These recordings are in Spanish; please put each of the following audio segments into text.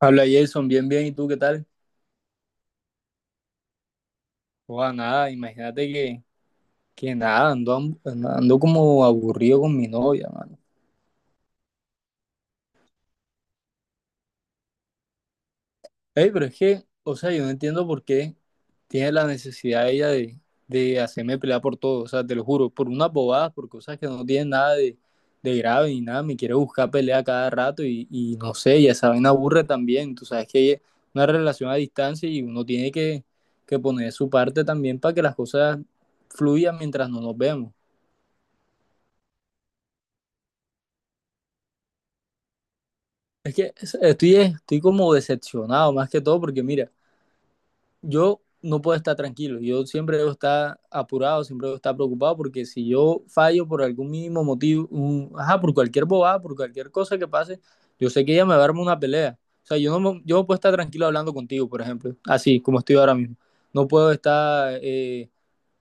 Habla Jason, bien, bien, ¿y tú qué tal? Joda, nada, imagínate que nada, ando como aburrido con mi novia, mano. Ey, pero es que, o sea, yo no entiendo por qué tiene la necesidad ella de hacerme pelear por todo, o sea, te lo juro, por unas bobadas, por cosas que no tienen nada de grave ni nada, me quiere buscar pelea cada rato y no sé, ya saben, aburre también, tú sabes que es una relación a distancia y uno tiene que poner su parte también para que las cosas fluyan mientras no nos vemos. Es que estoy, estoy como decepcionado más que todo porque mira, yo no puedo estar tranquilo, yo siempre debo estar apurado, siempre debo estar preocupado porque si yo fallo por algún mínimo motivo, ajá, por cualquier bobada, por cualquier cosa que pase, yo sé que ella me va a armar una pelea. O sea, yo no, yo no puedo estar tranquilo hablando contigo, por ejemplo, así como estoy ahora mismo. No puedo estar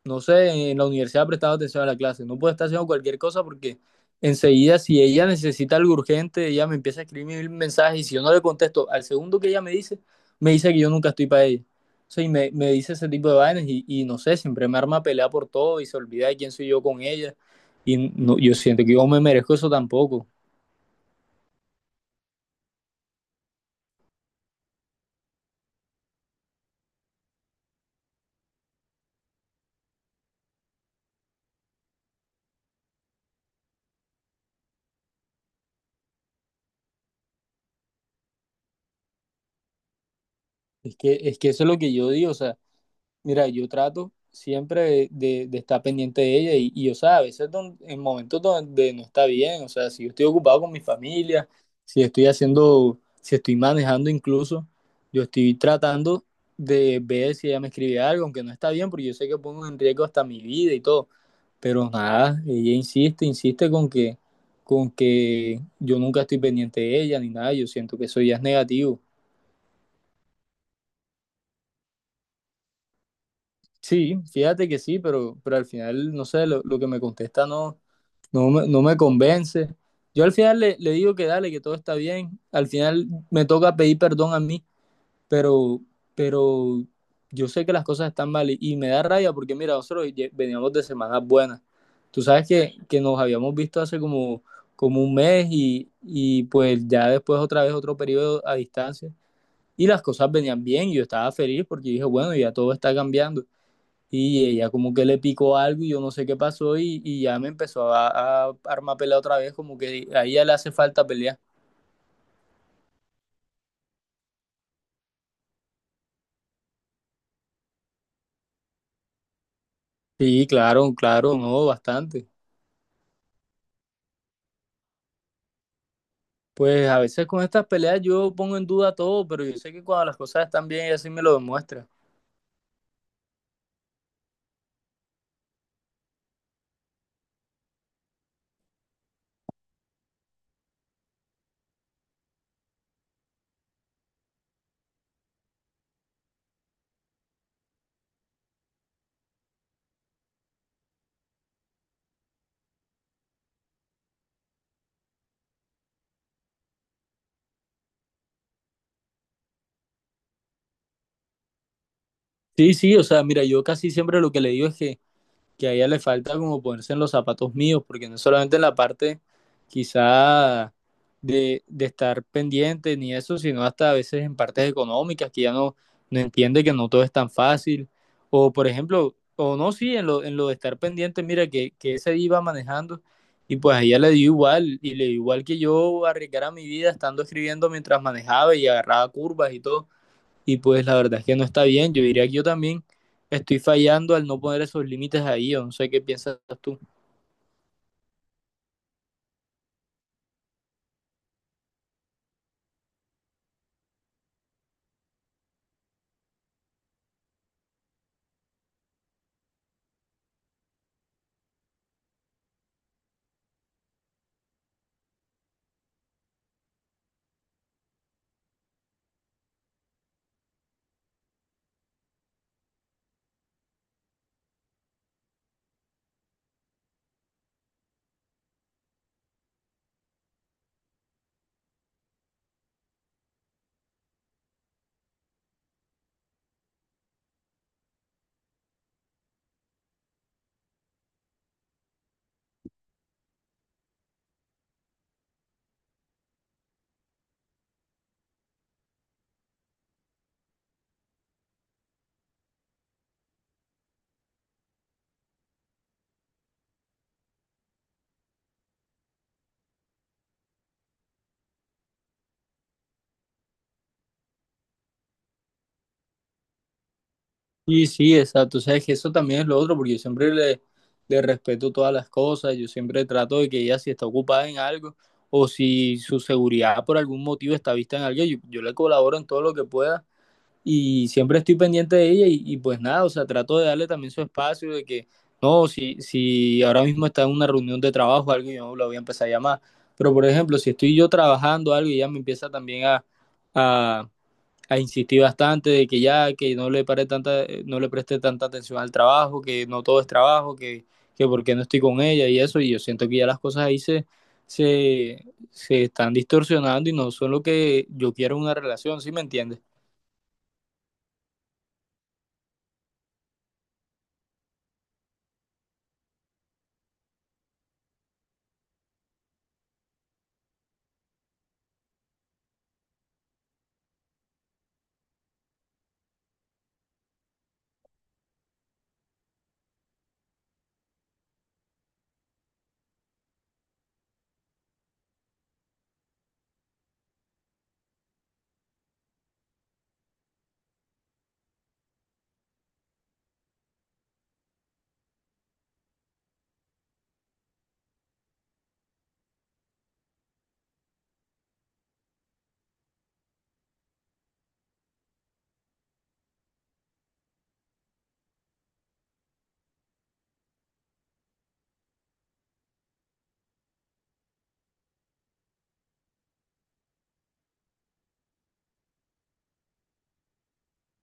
no sé, en la universidad prestado atención a la clase. No puedo estar haciendo cualquier cosa porque enseguida, si ella necesita algo urgente, ella me empieza a escribir mensajes y si yo no le contesto al segundo que ella me dice que yo nunca estoy para ella. O sea, me dice ese tipo de vainas y no sé, siempre me arma pelea por todo y se olvida de quién soy yo con ella. Y no, yo siento que yo me merezco eso tampoco. Es que eso es lo que yo digo, o sea, mira, yo trato siempre de estar pendiente de ella y, o sea, a veces en momentos donde no está bien, o sea, si yo estoy ocupado con mi familia, si estoy haciendo, si estoy manejando incluso, yo estoy tratando de ver si ella me escribe algo, aunque no está bien, porque yo sé que pongo en riesgo hasta mi vida y todo, pero nada, ella insiste, insiste con con que yo nunca estoy pendiente de ella ni nada, yo siento que eso ya es negativo. Sí, fíjate que sí, pero al final, no sé, lo que me contesta no me, no me convence. Yo al final le digo que dale, que todo está bien. Al final me toca pedir perdón a mí, pero, pero yo sé que las cosas están mal y me da rabia porque mira, nosotros veníamos de semanas buenas. Tú sabes que nos habíamos visto hace como, como un mes y pues ya después otra vez otro periodo a distancia. Y las cosas venían bien, y yo estaba feliz porque dije, bueno, ya todo está cambiando y ella como que le picó algo y yo no sé qué pasó y ya me empezó a armar pelea otra vez, como que a ella le hace falta pelear. Sí, claro, claro, no, bastante. Pues a veces con estas peleas yo pongo en duda todo, pero yo sé que cuando las cosas están bien ella sí me lo demuestra. Sí, sí, o sea, mira, yo casi siempre lo que le digo es que a ella le falta como ponerse en los zapatos míos, porque no es solamente en la parte quizá de estar pendiente ni eso, sino hasta a veces en partes económicas que ya no entiende que no todo es tan fácil. O por ejemplo, o no, sí, en en lo de estar pendiente, mira que ese día iba manejando y pues a ella le dio igual y le dio igual que yo arriesgara mi vida estando escribiendo mientras manejaba y agarraba curvas y todo. Y pues la verdad es que no está bien. Yo diría que yo también estoy fallando al no poner esos límites ahí. O no sé qué piensas tú. Sí, sí, exacto. O sea, es que eso también es lo otro, porque yo siempre le respeto todas las cosas, yo siempre trato de que ella si está ocupada en algo o si su seguridad por algún motivo está vista en algo, yo le colaboro en todo lo que pueda y siempre estoy pendiente de ella y pues nada, o sea, trato de darle también su espacio de que, no, si ahora mismo está en una reunión de trabajo o algo, yo no la voy a empezar a llamar. Pero por ejemplo, si estoy yo trabajando algo y ella me empieza también a... a a insistir bastante de que ya, que no le, pare tanta, no le preste tanta atención al trabajo, que no todo es trabajo, que por qué no estoy con ella y eso, y yo siento que ya las cosas ahí se, se, se están distorsionando y no son lo que yo quiero en una relación, ¿sí me entiendes?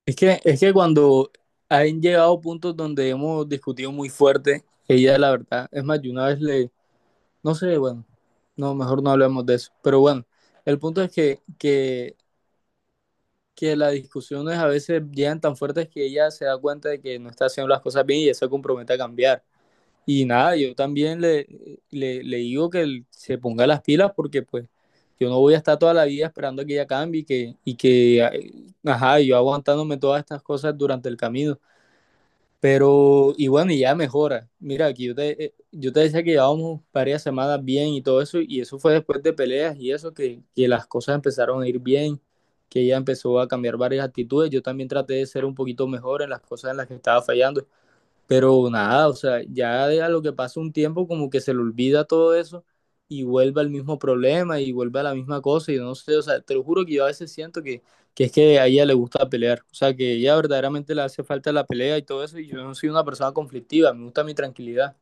Es que cuando han llegado puntos donde hemos discutido muy fuerte, ella la verdad, es más, yo una vez le, no sé, bueno, no, mejor no hablemos de eso, pero bueno, el punto es que las discusiones a veces llegan tan fuertes que ella se da cuenta de que no está haciendo las cosas bien y ella se compromete a cambiar. Y nada, yo también le digo que se ponga las pilas porque pues yo no voy a estar toda la vida esperando a que ella cambie ajá, yo aguantándome todas estas cosas durante el camino. Pero, y bueno, y ya mejora. Mira, aquí yo te decía que llevábamos varias semanas bien y todo eso, y eso fue después de peleas y eso, que las cosas empezaron a ir bien, que ella empezó a cambiar varias actitudes. Yo también traté de ser un poquito mejor en las cosas en las que estaba fallando. Pero nada, o sea, ya de a lo que pasa un tiempo como que se le olvida todo eso y vuelve al mismo problema y vuelve a la misma cosa y no sé, o sea, te lo juro que yo a veces siento que es que a ella le gusta pelear, o sea, que ella verdaderamente le hace falta la pelea y todo eso y yo no soy una persona conflictiva, me gusta mi tranquilidad.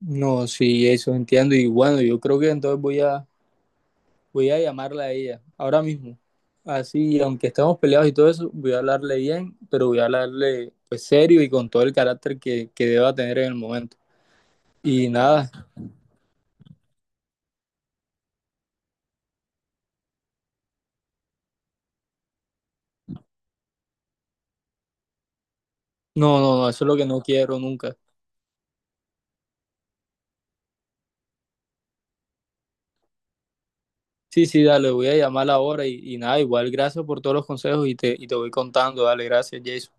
No, sí, eso entiendo y bueno, yo creo que entonces voy a llamarla a ella ahora mismo. Así, aunque estemos peleados y todo eso, voy a hablarle bien, pero voy a hablarle pues serio y con todo el carácter que deba tener en el momento. Y nada, no, no, no, eso es lo que no quiero nunca. Sí, sí, dale, voy a llamar ahora y nada, igual gracias por todos los consejos y te voy contando, dale, gracias, Jason.